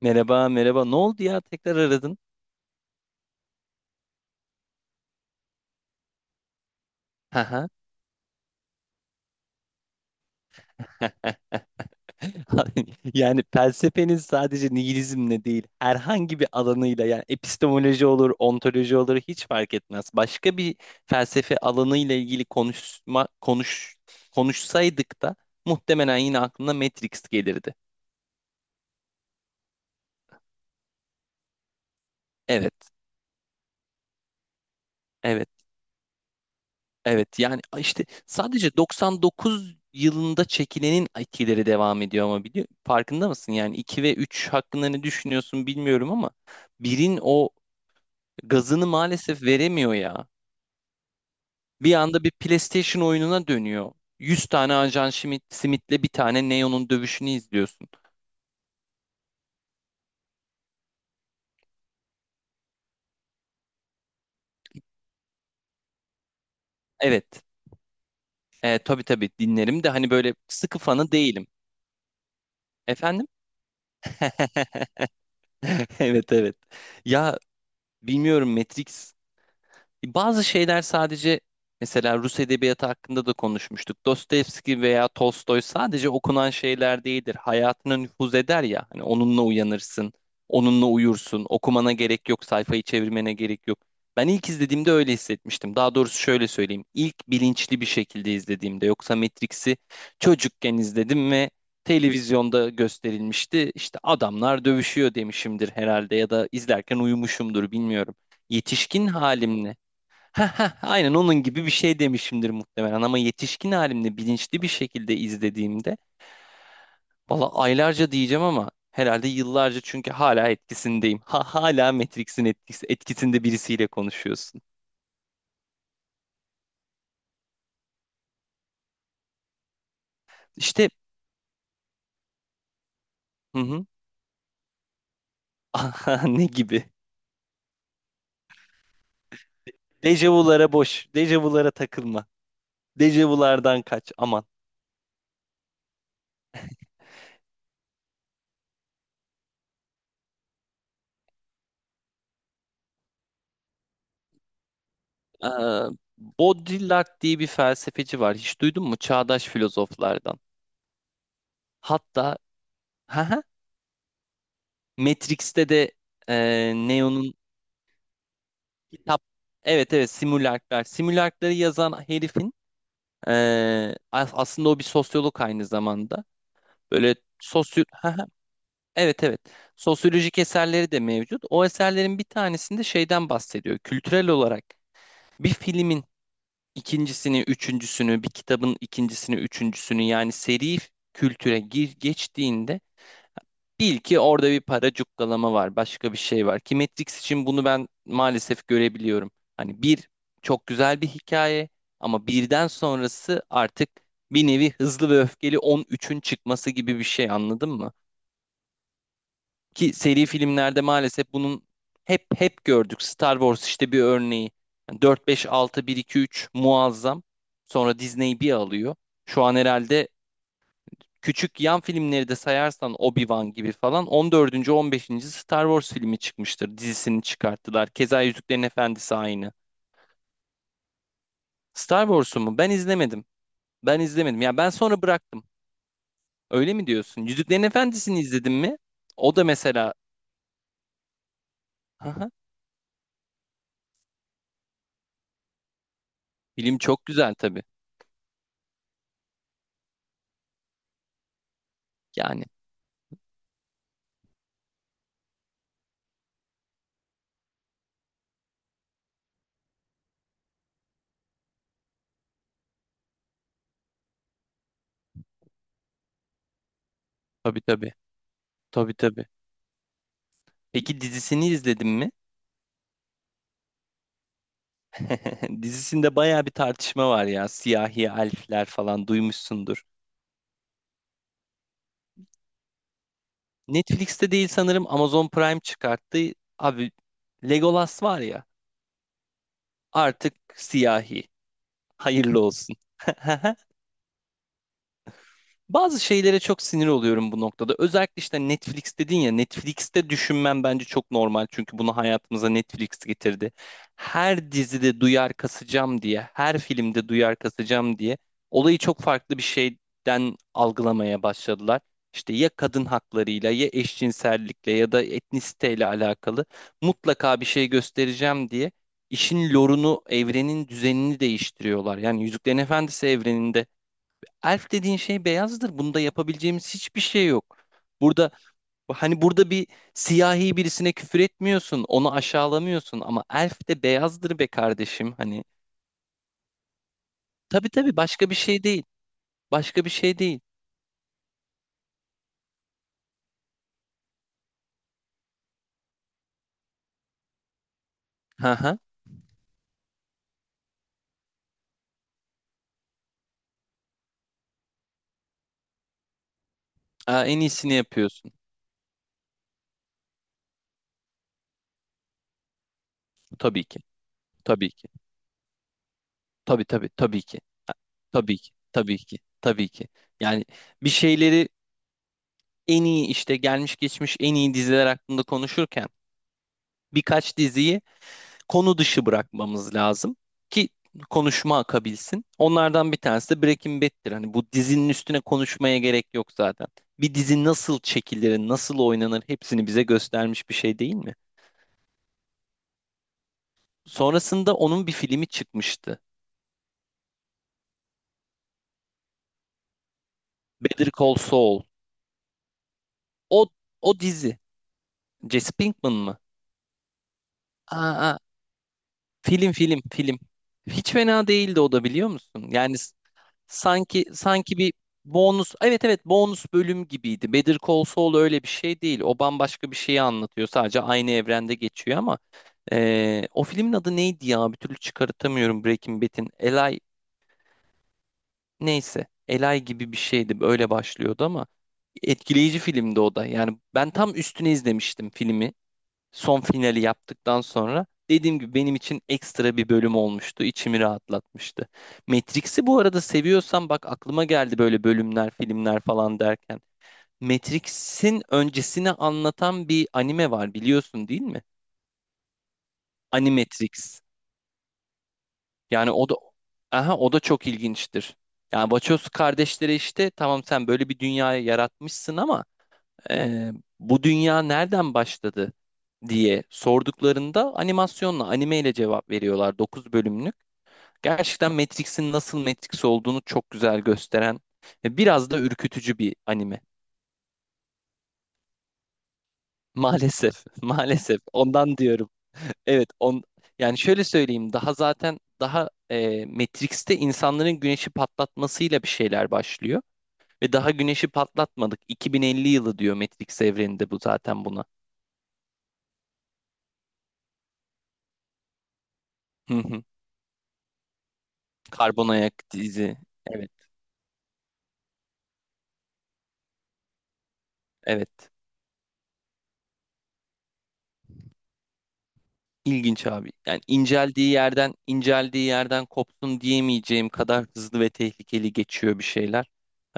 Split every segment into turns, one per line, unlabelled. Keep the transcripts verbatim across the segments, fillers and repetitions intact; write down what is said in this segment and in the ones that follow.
Merhaba, merhaba. Ne oldu ya? Tekrar aradın. Haha. Yani felsefeniz sadece nihilizmle değil, herhangi bir alanıyla, yani epistemoloji olur, ontoloji olur, hiç fark etmez. Başka bir felsefe alanıyla ilgili konuşma konuş konuşsaydık da muhtemelen yine aklına Matrix gelirdi. Evet. Evet. Evet, yani işte sadece doksan dokuz yılında çekilenin etkileri devam ediyor ama biliyor, farkında mısın? Yani iki ve üç hakkında ne düşünüyorsun bilmiyorum ama birin o gazını maalesef veremiyor ya. Bir anda bir PlayStation oyununa dönüyor. yüz tane Ajan Schmidt, Smith'le bir tane Neo'nun dövüşünü izliyorsun. Evet. E, tabii tabii, dinlerim de hani böyle sıkı fanı değilim. Efendim? Evet evet. Ya, bilmiyorum. Matrix... Bazı şeyler sadece, mesela Rus edebiyatı hakkında da konuşmuştuk. Dostoyevski veya Tolstoy sadece okunan şeyler değildir. Hayatına nüfuz eder ya. Hani onunla uyanırsın, onunla uyursun. Okumana gerek yok, sayfayı çevirmene gerek yok. Ben ilk izlediğimde öyle hissetmiştim. Daha doğrusu şöyle söyleyeyim: İlk bilinçli bir şekilde izlediğimde. Yoksa Matrix'i çocukken izledim ve televizyonda gösterilmişti. İşte adamlar dövüşüyor demişimdir herhalde ya da izlerken uyumuşumdur, bilmiyorum, yetişkin halimle Heh, heh, aynen onun gibi bir şey demişimdir muhtemelen, ama yetişkin halimde bilinçli bir şekilde izlediğimde, valla, aylarca diyeceğim ama herhalde yıllarca, çünkü hala etkisindeyim. Ha, hala Matrix'in etkisi, etkisinde birisiyle konuşuyorsun. İşte, hı hı. Aha, ne gibi? Dejavulara boş, dejavulara takılma. Dejavulardan kaç aman. Ee, Baudrillard diye bir felsefeci var. Hiç duydun mu? Çağdaş filozoflardan. Hatta ha, Matrix'te de e, Neo'nun... Kitap. Evet evet, simülaklar. Simülakları yazan herifin eee, as- aslında o bir sosyolog aynı zamanda. Böyle sosyo Haha, evet evet, sosyolojik eserleri de mevcut. O eserlerin bir tanesinde şeyden bahsediyor. Kültürel olarak bir filmin ikincisini, üçüncüsünü, bir kitabın ikincisini, üçüncüsünü, yani seri kültüre gir geçtiğinde, bil ki orada bir para cukkalama var, başka bir şey var. Ki Matrix için bunu ben maalesef görebiliyorum. Hani, bir çok güzel bir hikaye ama birden sonrası artık bir nevi hızlı ve öfkeli on üçün çıkması gibi bir şey, anladın mı? Ki seri filmlerde maalesef bunun hep hep gördük. Star Wars işte bir örneği. Yani dört, beş, altı, bir, iki, üç muazzam. Sonra Disney bir alıyor. Şu an herhalde küçük yan filmleri de sayarsan, Obi-Wan gibi falan, on dördüncü, on beşinci Star Wars filmi çıkmıştır. Dizisini çıkarttılar. Keza Yüzüklerin Efendisi aynı. Star Wars'u mu? Ben izlemedim. Ben izlemedim. Ya, ben sonra bıraktım. Öyle mi diyorsun? Yüzüklerin Efendisi'ni izledin mi? O da mesela... Aha, film çok güzel tabii. Yani... Tabii tabii. Tabii tabii. Peki dizisini izledin mi? Dizisinde bayağı bir tartışma var ya. Siyahi elfler falan duymuşsundur. Netflix'te değil sanırım, Amazon Prime çıkarttı. Abi, Legolas var ya, artık siyahi. Hayırlı olsun. Bazı şeylere çok sinir oluyorum bu noktada. Özellikle işte Netflix dedin ya, Netflix'te düşünmem bence çok normal. Çünkü bunu hayatımıza Netflix getirdi. Her dizide duyar kasacağım diye, her filmde duyar kasacağım diye, olayı çok farklı bir şeyden algılamaya başladılar. İşte ya kadın haklarıyla, ya eşcinsellikle, ya da etnisiteyle alakalı mutlaka bir şey göstereceğim diye işin lorunu, evrenin düzenini değiştiriyorlar. Yani Yüzüklerin Efendisi evreninde elf dediğin şey beyazdır. Bunda yapabileceğimiz hiçbir şey yok. Burada, hani burada bir siyahi birisine küfür etmiyorsun, onu aşağılamıyorsun ama elf de beyazdır be kardeşim, hani. Tabii tabii, başka bir şey değil. Başka bir şey değil. Hı hı. Aa, en iyisini yapıyorsun. Tabii ki. Tabii ki. Tabii tabii tabii ki. Tabii ki. Tabii ki. Tabii ki. Yani bir şeyleri, en iyi, işte gelmiş geçmiş en iyi diziler hakkında konuşurken, birkaç diziyi konu dışı bırakmamız lazım ki konuşma akabilsin. Onlardan bir tanesi de Breaking Bad'tir. Hani bu dizinin üstüne konuşmaya gerek yok zaten. Bir dizi nasıl çekilir, nasıl oynanır, hepsini bize göstermiş bir şey, değil mi? Sonrasında onun bir filmi çıkmıştı. Better Call Saul. O o dizi. Jesse Pinkman mı? Aa, aa, film film film. Hiç fena değildi o da, biliyor musun? Yani, s- Sanki sanki bir bonus, evet evet, bonus bölüm gibiydi. Better Call Saul öyle bir şey değil. O bambaşka bir şeyi anlatıyor. Sadece aynı evrende geçiyor ama eee, o filmin adı neydi ya? Bir türlü çıkartamıyorum Breaking Bad'in. Eli... neyse. Eli gibi bir şeydi. Öyle başlıyordu ama etkileyici filmdi o da. Yani ben tam üstüne izlemiştim filmi, son finali yaptıktan sonra, dediğim gibi benim için ekstra bir bölüm olmuştu. İçimi rahatlatmıştı. Matrix'i bu arada seviyorsan, bak aklıma geldi, böyle bölümler, filmler falan derken, Matrix'in öncesini anlatan bir anime var, biliyorsun değil mi? Animatrix. Yani o da, aha, o da çok ilginçtir. Yani Wachowski kardeşleri, işte tamam, sen böyle bir dünyayı yaratmışsın ama, e, bu dünya nereden başladı diye sorduklarında animasyonla, animeyle cevap veriyorlar. Dokuz bölümlük. Gerçekten Matrix'in nasıl Matrix olduğunu çok güzel gösteren ve biraz da ürkütücü bir anime. Maalesef, maalesef. Ondan diyorum. Evet, on, yani şöyle söyleyeyim, daha zaten daha e, Matrix'te insanların güneşi patlatmasıyla bir şeyler başlıyor ve daha güneşi patlatmadık, iki bin elli yılı diyor Matrix evreninde bu zaten, buna. Karbon ayak izi. Evet, evet. İlginç abi. Yani inceldiği yerden, inceldiği yerden kopsun diyemeyeceğim kadar hızlı ve tehlikeli geçiyor bir şeyler.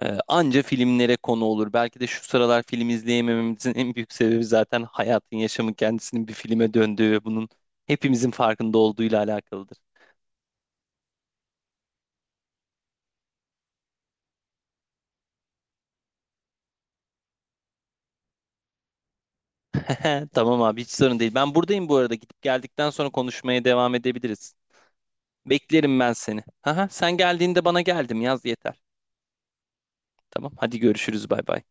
Ee, anca filmlere konu olur. Belki de şu sıralar film izleyemememizin en büyük sebebi, zaten hayatın, yaşamın kendisinin bir filme döndüğü ve bunun hepimizin farkında olduğuyla alakalıdır. Tamam abi, hiç sorun değil. Ben buradayım bu arada. Gidip geldikten sonra konuşmaya devam edebiliriz. Beklerim ben seni. Haha, sen geldiğinde "bana geldim" yaz yeter. Tamam, hadi görüşürüz, bay bay.